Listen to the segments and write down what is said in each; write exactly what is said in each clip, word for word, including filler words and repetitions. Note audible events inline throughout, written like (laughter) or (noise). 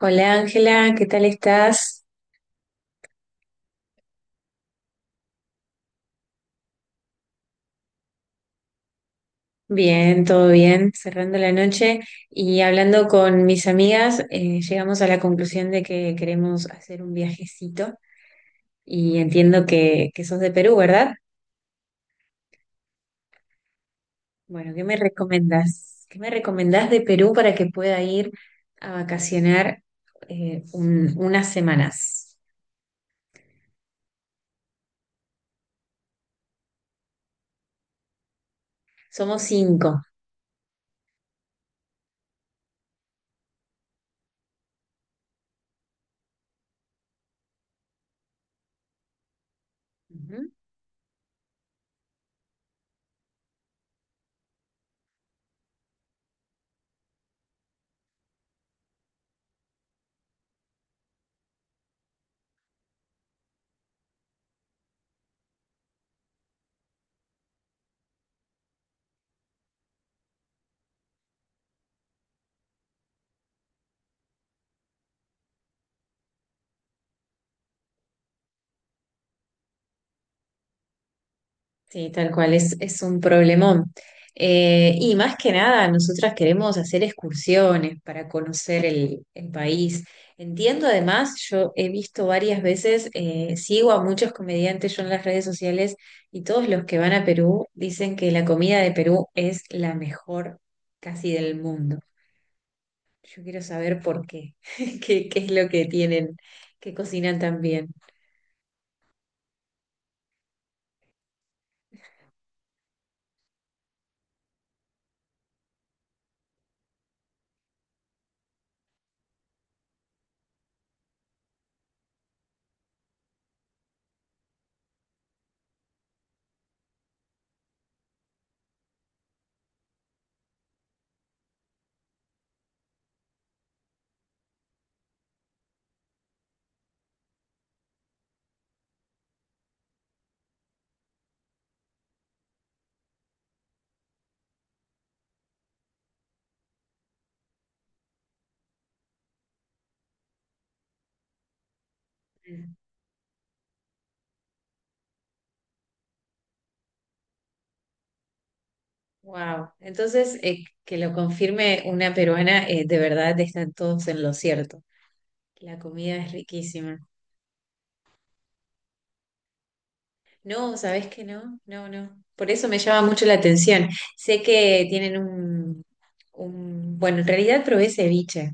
Hola Ángela, ¿qué tal estás? Bien, todo bien, cerrando la noche y hablando con mis amigas, eh, llegamos a la conclusión de que queremos hacer un viajecito y entiendo que, que sos de Perú, ¿verdad? Bueno, ¿qué me recomendás? ¿Qué me recomendás de Perú para que pueda ir a vacacionar eh, un- unas semanas? Somos cinco. Sí, tal cual, es, es un problemón. Eh, y más que nada, nosotras queremos hacer excursiones para conocer el, el país. Entiendo además, yo he visto varias veces, eh, sigo a muchos comediantes yo en las redes sociales y todos los que van a Perú dicen que la comida de Perú es la mejor casi del mundo. Yo quiero saber por qué, (laughs) qué, qué es lo que tienen, que cocinan tan bien. Wow. Entonces, eh, que lo confirme una peruana, eh, de verdad están todos en lo cierto. La comida es riquísima. No, ¿sabes que no? No, no. Por eso me llama mucho la atención. Sé que tienen un, un... Bueno, en realidad probé ceviche,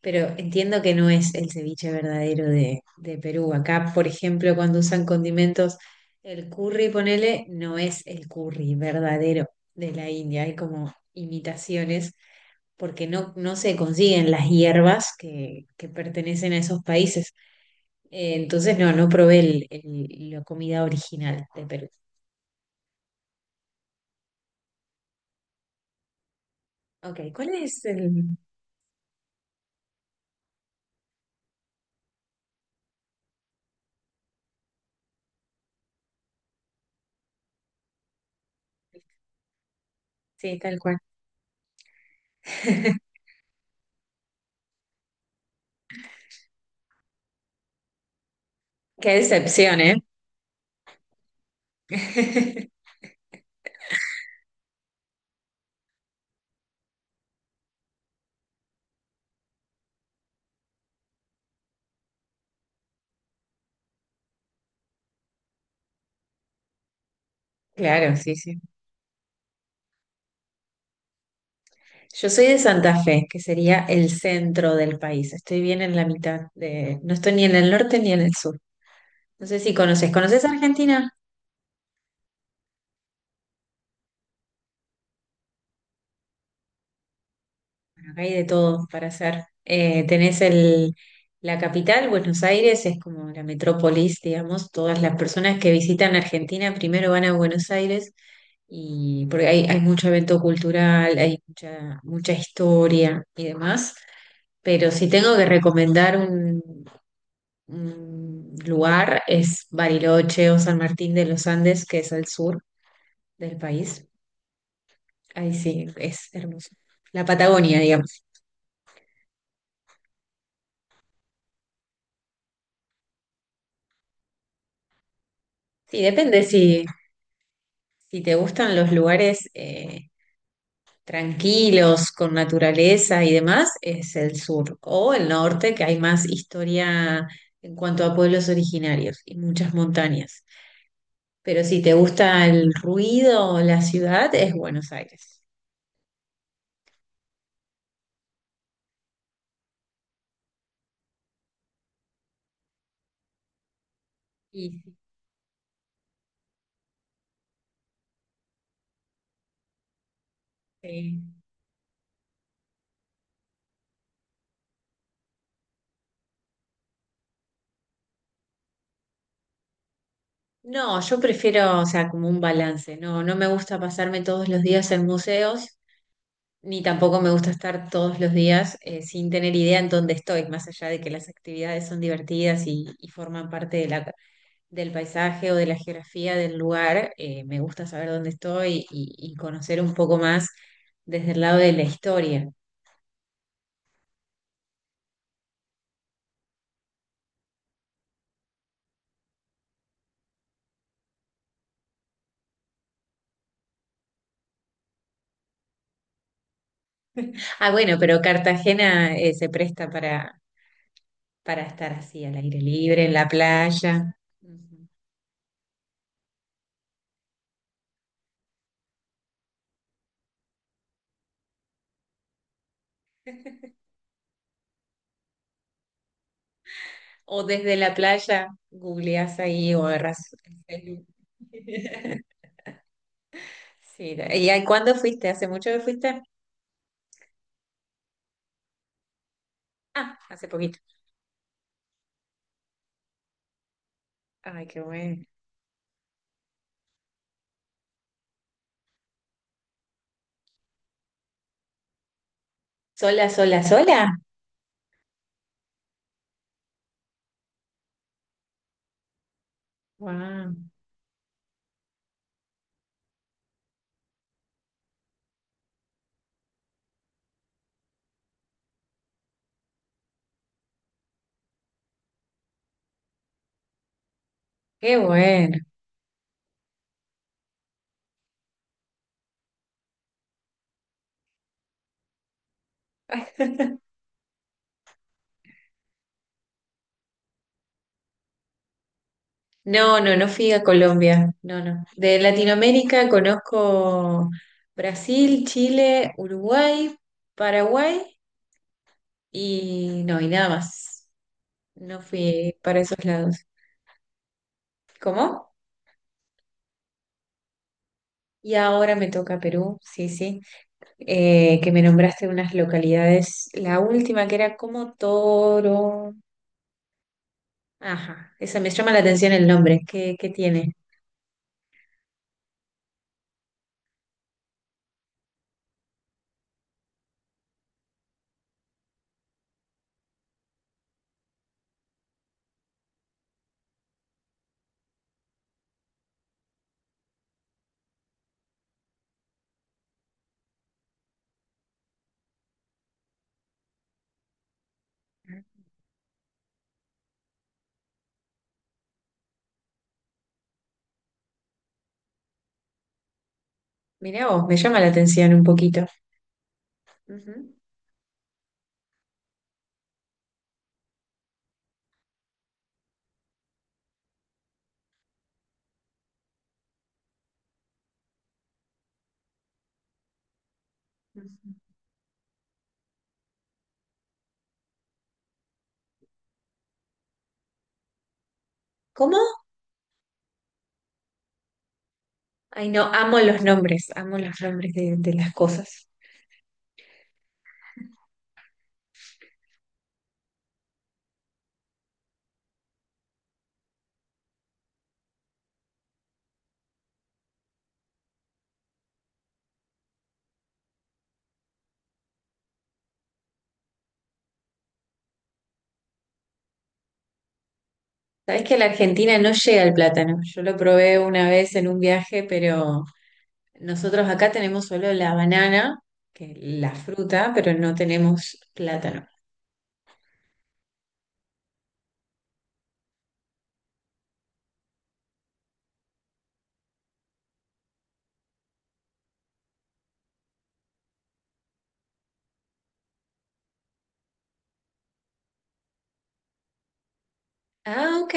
pero entiendo que no es el ceviche verdadero de, de Perú. Acá, por ejemplo, cuando usan condimentos, el curry, ponele, no es el curry verdadero de la India. Hay como imitaciones porque no, no se consiguen las hierbas que, que pertenecen a esos países. Eh, entonces, no, no probé el- el- la comida original de Perú. Ok, ¿cuál es el...? Sí, tal cual. (laughs) Qué decepción, ¿eh? (laughs) Claro, sí, sí. Yo soy de Santa Fe, que sería el centro del país. Estoy bien en la mitad de... No estoy ni en el norte ni en el sur. No sé si conoces. ¿Conoces Argentina? Bueno, acá hay de todo para hacer. Eh, tenés el, la capital, Buenos Aires, es como la metrópolis, digamos. Todas las personas que visitan Argentina primero van a Buenos Aires y porque hay, hay mucho evento cultural, hay mucha, mucha historia y demás. Pero si tengo que recomendar un, un lugar, es Bariloche o San Martín de los Andes, que es al sur del país. Ahí sí, es hermoso. La Patagonia, digamos. Sí, depende si si te gustan los lugares eh, tranquilos, con naturaleza y demás, es el sur o el norte, que hay más historia en cuanto a pueblos originarios y muchas montañas. Pero si te gusta el ruido, la ciudad, es Buenos Aires. Y, eh, no, yo prefiero, o sea, como un balance. No, no me gusta pasarme todos los días en museos, ni tampoco me gusta estar todos los días eh, sin tener idea en dónde estoy, más allá de que las actividades son divertidas y, y forman parte de la- del paisaje o de la geografía del lugar, eh, me gusta saber dónde estoy y, y conocer un poco más desde el lado de la historia. Ah, bueno, pero Cartagena, eh, se presta para, para estar así, al aire libre, en la playa. Ujú. O desde la playa googleás ahí o agarrás el celu. (laughs) Sí, ¿y ahí cuándo fuiste? ¿Hace mucho que fuiste? Ah, hace poquito. Ay, qué bueno. ¿Sola, sola, sola? Wow, qué bueno. No, no, no fui a Colombia. No, no. De Latinoamérica conozco Brasil, Chile, Uruguay, Paraguay y no, y nada más. No fui para esos lados. ¿Cómo? Y ahora me toca Perú, sí, sí. Eh, que me nombraste unas localidades. La última que era como Toro. Ajá, esa me llama la atención el nombre. ¿Qué, qué tiene? Mirá vos, me llama la atención un poquito. Ujú. ¿Cómo? Ay, no, amo los nombres, amo los nombres de, de las cosas. Sabés que a la Argentina no llega el plátano. Yo lo probé una vez en un viaje, pero nosotros acá tenemos solo la banana, que es la fruta, pero no tenemos plátano. Ah, ok,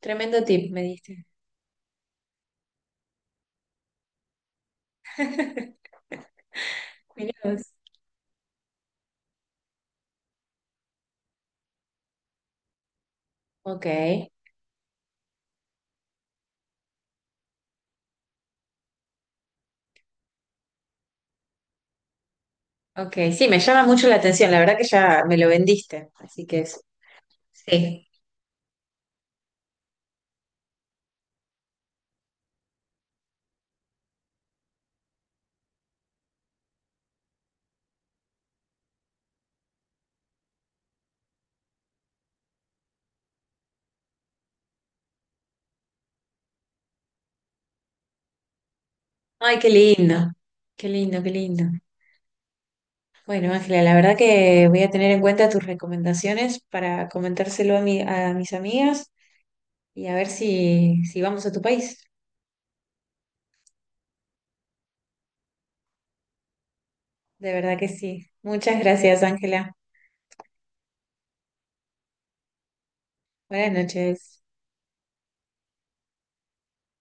tremendo tip me diste. Mirá vos. Ok, ok, sí, me llama mucho la atención. La verdad que ya me lo vendiste, así que es sí. Ay, qué lindo, qué lindo, qué lindo. Bueno, Ángela, la verdad que voy a tener en cuenta tus recomendaciones para comentárselo a, mi, a mis amigas y a ver si, si vamos a tu país. De verdad que sí. Muchas gracias, Ángela. Buenas noches.